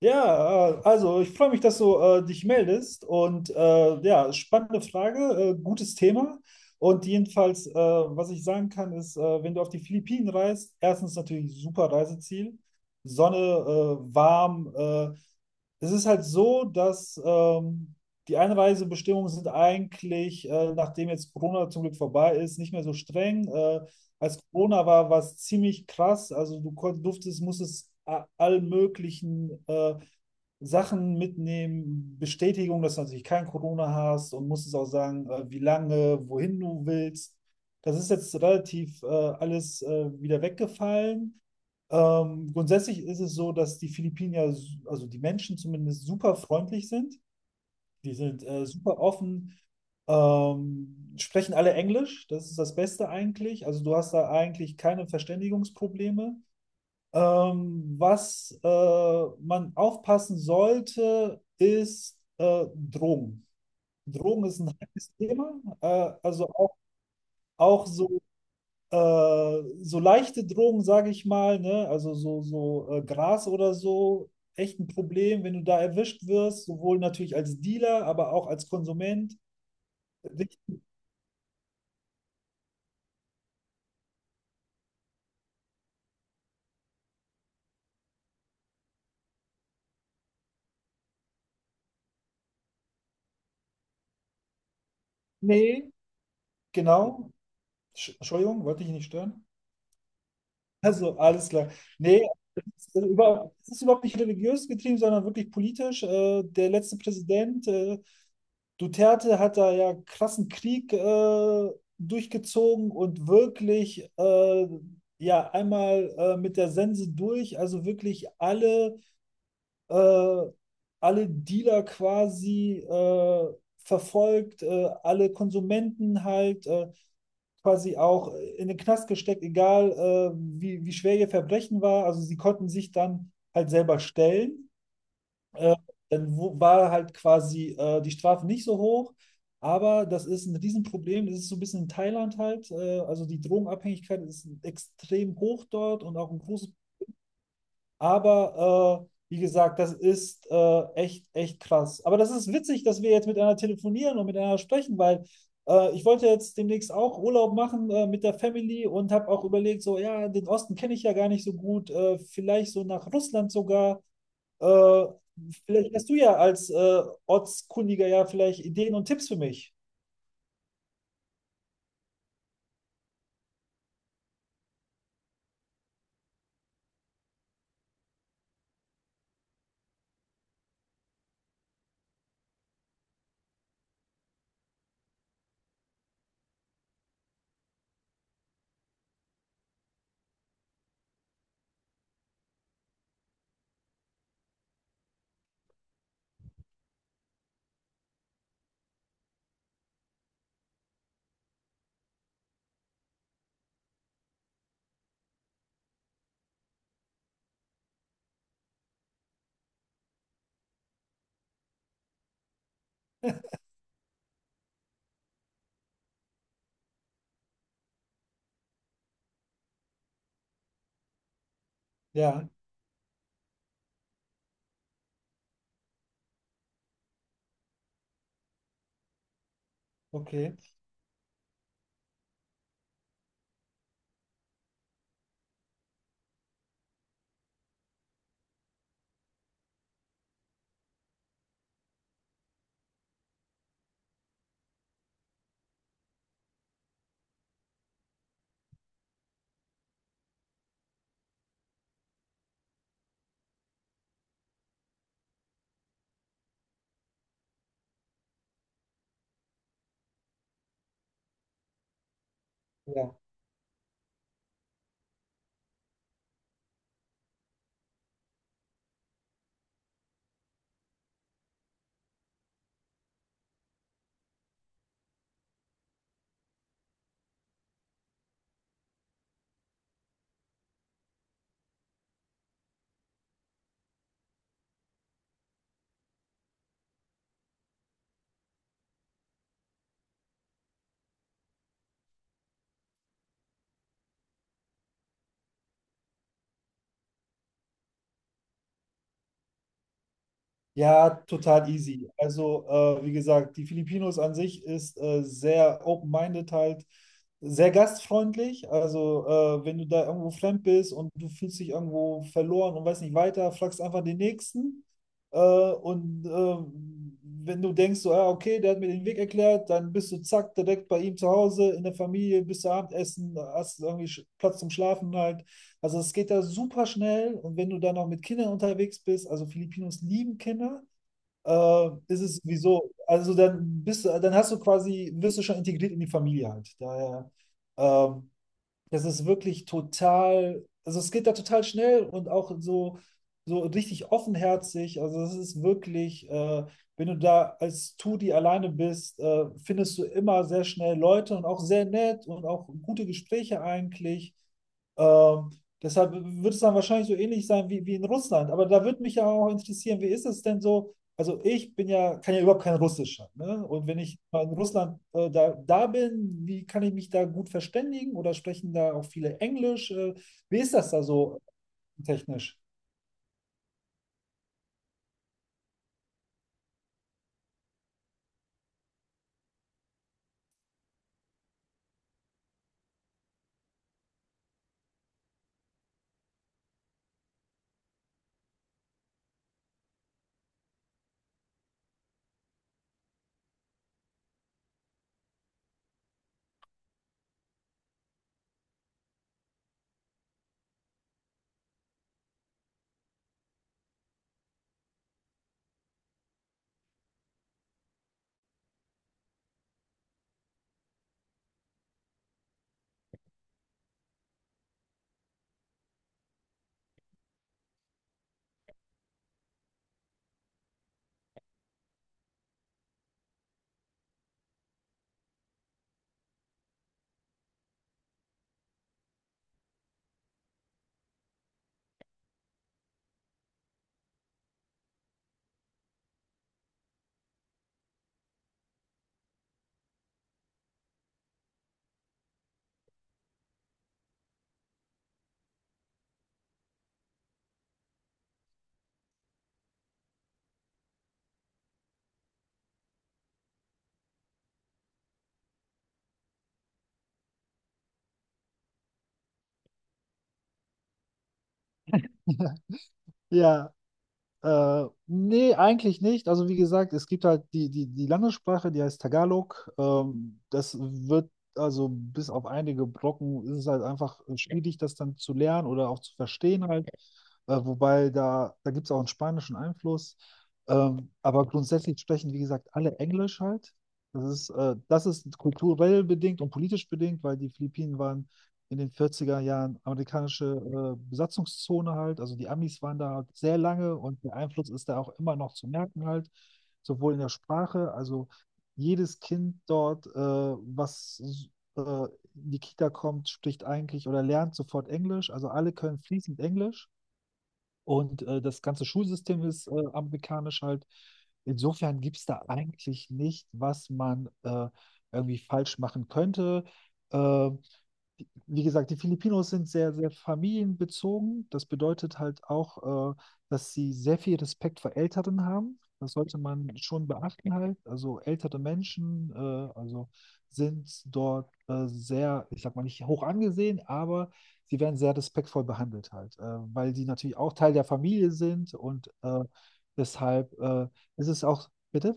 Ja, also ich freue mich, dass du dich meldest und ja, spannende Frage, gutes Thema. Und jedenfalls, was ich sagen kann, ist, wenn du auf die Philippinen reist, erstens natürlich super Reiseziel, Sonne, warm. Es ist halt so, dass die Einreisebestimmungen sind eigentlich, nachdem jetzt Corona zum Glück vorbei ist, nicht mehr so streng. Als Corona war, war es ziemlich krass. Also du durftest, musstest all möglichen Sachen mitnehmen, Bestätigung, dass du natürlich kein Corona hast und musstest auch sagen, wie lange, wohin du willst. Das ist jetzt relativ alles wieder weggefallen. Grundsätzlich ist es so, dass die Philippiner, also die Menschen zumindest, super freundlich sind. Die sind super offen, sprechen alle Englisch, das ist das Beste eigentlich. Also du hast da eigentlich keine Verständigungsprobleme. Was man aufpassen sollte, ist Drogen. Drogen ist ein heikles Thema. Also auch so leichte Drogen, sage ich mal, ne? Also so Gras oder so, echt ein Problem, wenn du da erwischt wirst, sowohl natürlich als Dealer, aber auch als Konsument. Nee, genau. Entschuldigung, wollte ich nicht stören. Also, alles klar. Nee, es ist überhaupt nicht religiös getrieben, sondern wirklich politisch. Der letzte Präsident, Duterte, hat da ja krassen Krieg durchgezogen und wirklich ja einmal mit der Sense durch, also wirklich äh, alle Dealer quasi verfolgt, alle Konsumenten halt. Quasi auch in den Knast gesteckt, egal wie schwer ihr Verbrechen war. Also sie konnten sich dann halt selber stellen. Äh, Dann war halt quasi die Strafe nicht so hoch. Aber das ist ein Riesenproblem. Das ist so ein bisschen in Thailand halt. Also die Drogenabhängigkeit ist extrem hoch dort und auch ein großes. Aber wie gesagt, das ist echt, echt krass. Aber das ist witzig, dass wir jetzt miteinander telefonieren und miteinander sprechen, weil ich wollte jetzt demnächst auch Urlaub machen mit der Family und habe auch überlegt, so, ja, den Osten kenne ich ja gar nicht so gut, vielleicht so nach Russland sogar. Äh, Vielleicht hast du ja als Ortskundiger ja vielleicht Ideen und Tipps für mich. Ja, okay. Ja. Ja, total easy. Also, wie gesagt, die Filipinos an sich ist sehr open-minded halt, sehr gastfreundlich. Also, wenn du da irgendwo fremd bist und du fühlst dich irgendwo verloren und weißt nicht weiter, fragst einfach den Nächsten. Äh, und wenn du denkst, so, ah, okay, der hat mir den Weg erklärt, dann bist du zack, direkt bei ihm zu Hause, in der Familie, bis zum Abendessen, hast irgendwie Platz zum Schlafen halt. Also es geht da super schnell und wenn du dann noch mit Kindern unterwegs bist, also Filipinos lieben Kinder, ist es sowieso, also dann hast du quasi, wirst du schon integriert in die Familie halt. Daher ähm, das ist wirklich total, also es geht da total schnell und auch so richtig offenherzig. Also es ist wirklich, wenn du da als Tudi alleine bist, findest du immer sehr schnell Leute und auch sehr nett und auch gute Gespräche eigentlich. Ähm, Deshalb wird es dann wahrscheinlich so ähnlich sein wie in Russland. Aber da würde mich ja auch interessieren, wie ist es denn so? Also ich bin ja, kann ja überhaupt kein Russisch. Ne? Und wenn ich mal in Russland da bin, wie kann ich mich da gut verständigen oder sprechen da auch viele Englisch? Wie ist das da so technisch? Ja, nee, eigentlich nicht. Also wie gesagt, es gibt halt die Landessprache, die heißt Tagalog. Also bis auf einige Brocken, ist es halt einfach schwierig, das dann zu lernen oder auch zu verstehen halt. Wobei da gibt es auch einen spanischen Einfluss. Aber grundsätzlich sprechen, wie gesagt, alle Englisch halt. Das ist kulturell bedingt und politisch bedingt, weil die Philippinen waren in den 40er Jahren amerikanische Besatzungszone halt. Also die Amis waren da halt sehr lange und der Einfluss ist da auch immer noch zu merken halt, sowohl in der Sprache, also jedes Kind dort, was äh, in die Kita kommt, spricht eigentlich oder lernt sofort Englisch. Also alle können fließend Englisch und das ganze Schulsystem ist amerikanisch halt. Insofern gibt es da eigentlich nicht, was man irgendwie falsch machen könnte. Äh, Wie gesagt, die Filipinos sind sehr, sehr familienbezogen. Das bedeutet halt auch, dass sie sehr viel Respekt vor Älteren haben. Das sollte man schon beachten halt. Also ältere Menschen, also sind dort sehr, ich sag mal nicht hoch angesehen, aber sie werden sehr respektvoll behandelt halt, weil die natürlich auch Teil der Familie sind und deshalb ist es auch, bitte?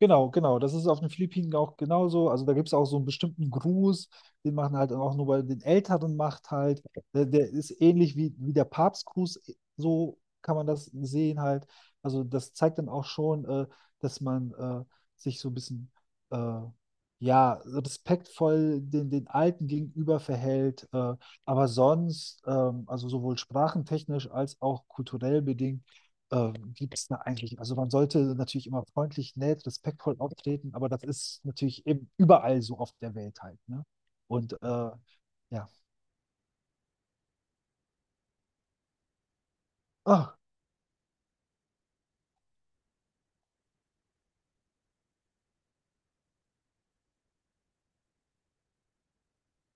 Genau, genau. Das ist auf den Philippinen auch genauso. Also da gibt es auch so einen bestimmten Gruß, den machen halt auch nur bei den Älteren macht halt. Der ist ähnlich wie der Papstgruß, so kann man das sehen halt. Also das zeigt dann auch schon, dass man sich so ein bisschen äh, ja, respektvoll den Alten gegenüber verhält. Aber sonst, also sowohl sprachentechnisch als auch kulturell bedingt, gibt es da eigentlich? Also man sollte natürlich immer freundlich, nett, respektvoll auftreten, aber das ist natürlich eben überall so auf der Welt halt, ne? Und ja. Ah,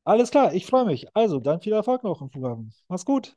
alles klar, ich freue mich. Also, dann viel Erfolg noch im Programm. Mach's gut.